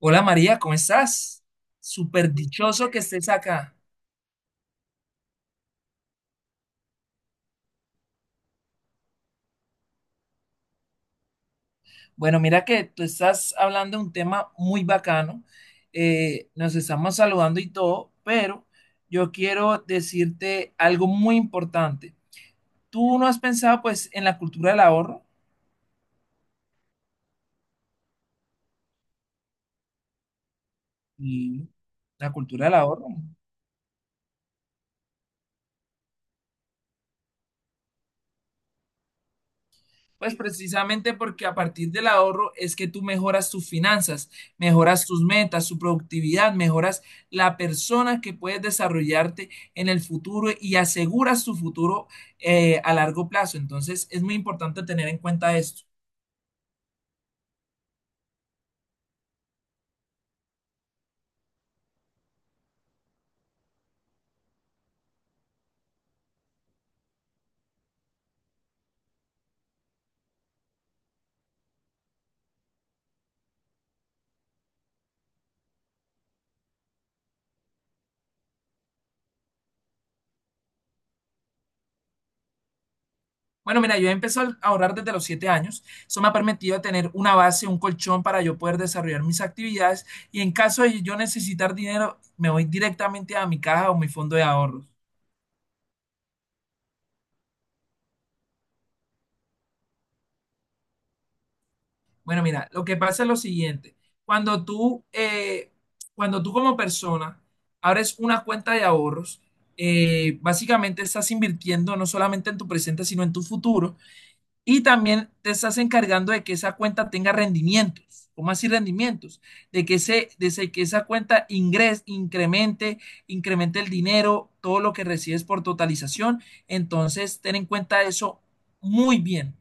Hola María, ¿cómo estás? Súper dichoso que estés acá. Bueno, mira que tú estás hablando de un tema muy bacano. Nos estamos saludando y todo, pero yo quiero decirte algo muy importante. ¿Tú no has pensado pues en la cultura del ahorro? Y la cultura del ahorro. Pues precisamente porque a partir del ahorro es que tú mejoras tus finanzas, mejoras tus metas, tu productividad, mejoras la persona que puedes desarrollarte en el futuro y aseguras tu futuro a largo plazo. Entonces es muy importante tener en cuenta esto. Bueno, mira, yo he empezado a ahorrar desde los 7 años. Eso me ha permitido tener una base, un colchón para yo poder desarrollar mis actividades y en caso de yo necesitar dinero, me voy directamente a mi caja o mi fondo de ahorros. Bueno, mira, lo que pasa es lo siguiente. Cuando tú, eh, Cuando tú como persona abres una cuenta de ahorros, básicamente estás invirtiendo no solamente en tu presente, sino en tu futuro. Y también te estás encargando de que esa cuenta tenga rendimientos. ¿Cómo así rendimientos? De que, ese, de ese- que esa cuenta ingres, incremente, Incremente el dinero, todo lo que recibes por totalización. Entonces, ten en cuenta eso muy bien.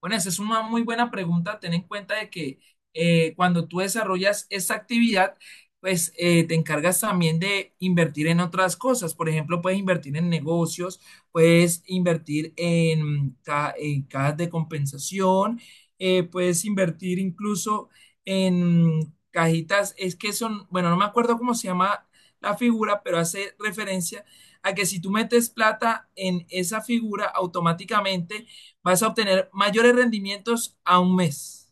Bueno, esa es una muy buena pregunta. Ten en cuenta de que Cuando tú desarrollas esta actividad, pues te encargas también de invertir en otras cosas. Por ejemplo, puedes invertir en negocios, puedes invertir en, en cajas de compensación, puedes invertir incluso en cajitas. Es que son, bueno, no me acuerdo cómo se llama la figura, pero hace referencia a que si tú metes plata en esa figura, automáticamente vas a obtener mayores rendimientos a un mes.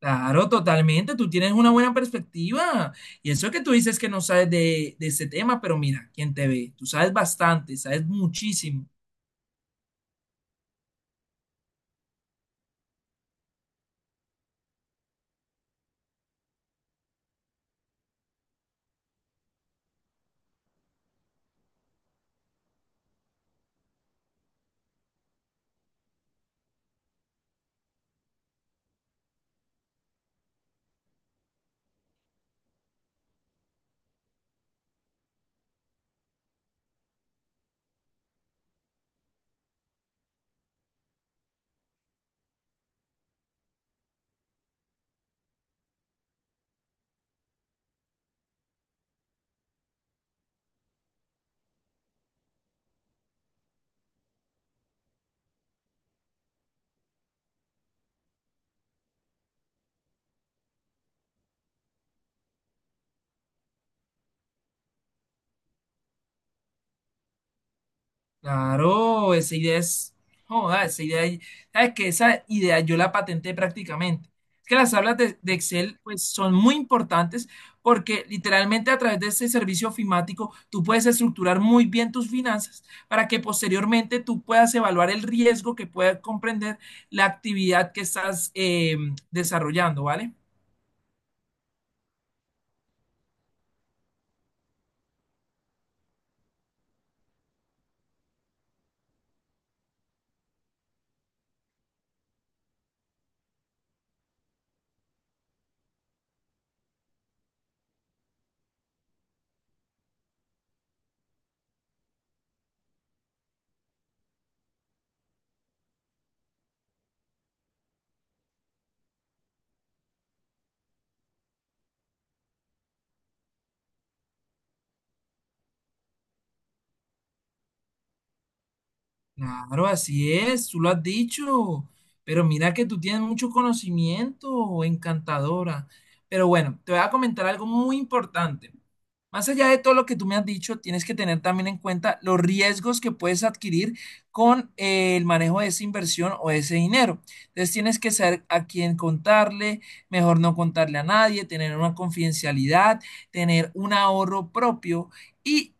Claro, totalmente. Tú tienes una buena perspectiva. Y eso que tú dices que no sabes de ese tema, pero mira, quien te ve, tú sabes bastante, sabes muchísimo. Claro, esa idea es, joda, esa idea, sabes que esa idea yo la patenté prácticamente. Es que las tablas de Excel pues son muy importantes porque literalmente a través de este servicio ofimático tú puedes estructurar muy bien tus finanzas para que posteriormente tú puedas evaluar el riesgo que pueda comprender la actividad que estás desarrollando, ¿vale? Claro, así es, tú lo has dicho, pero mira que tú tienes mucho conocimiento, encantadora. Pero bueno, te voy a comentar algo muy importante. Más allá de todo lo que tú me has dicho, tienes que tener también en cuenta los riesgos que puedes adquirir con el manejo de esa inversión o ese dinero. Entonces tienes que saber a quién contarle, mejor no contarle a nadie, tener una confidencialidad, tener un ahorro propio y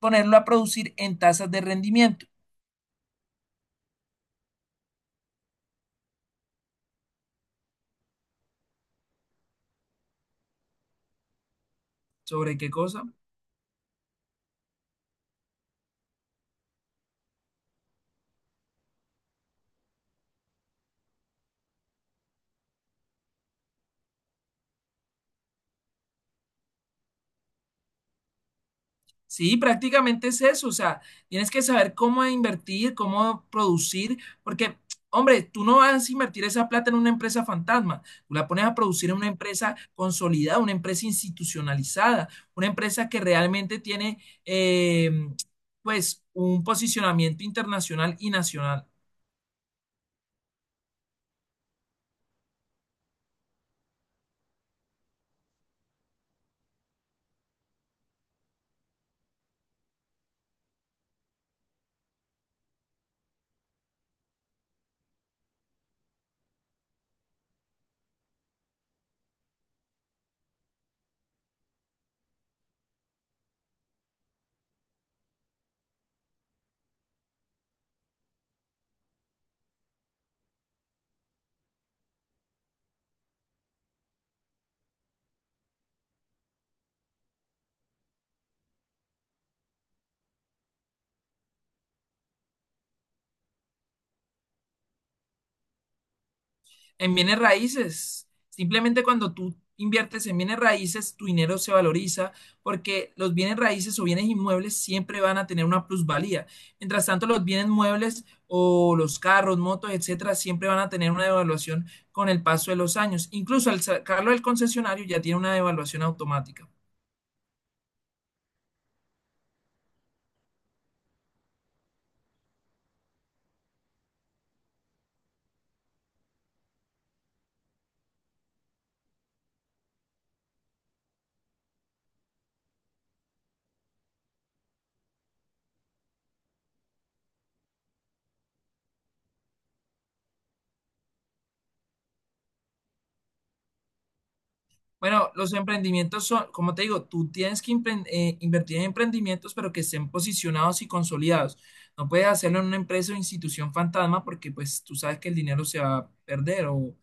ponerlo a producir en tasas de rendimiento. ¿Sobre qué cosa? Sí, prácticamente es eso, o sea, tienes que saber cómo invertir, cómo producir, porque, hombre, tú no vas a invertir esa plata en una empresa fantasma, tú la pones a producir en una empresa consolidada, una empresa institucionalizada, una empresa que realmente tiene, pues, un posicionamiento internacional y nacional. En bienes raíces. Simplemente cuando tú inviertes en bienes raíces, tu dinero se valoriza porque los bienes raíces o bienes inmuebles siempre van a tener una plusvalía. Mientras tanto, los bienes muebles o los carros, motos, etcétera, siempre van a tener una devaluación con el paso de los años. Incluso al sacarlo del concesionario ya tiene una devaluación automática. Bueno, los emprendimientos son, como te digo, tú tienes que invertir en emprendimientos, pero que estén posicionados y consolidados. No puedes hacerlo en una empresa o institución fantasma porque pues tú sabes que el dinero se va a perder o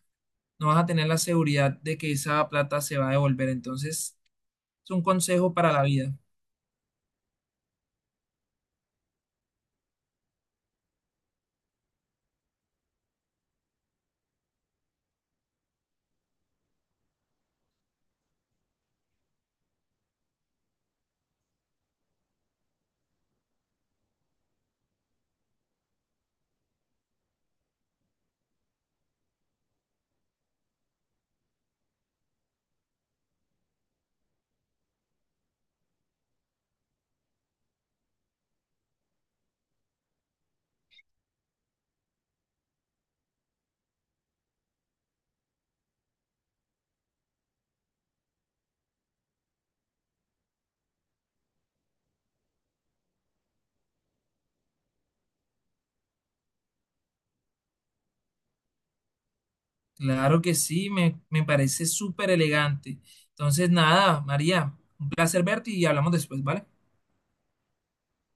no vas a tener la seguridad de que esa plata se va a devolver. Entonces, es un consejo para la vida. Claro que sí, me parece súper elegante. Entonces, nada, María, un placer verte y hablamos después, ¿vale?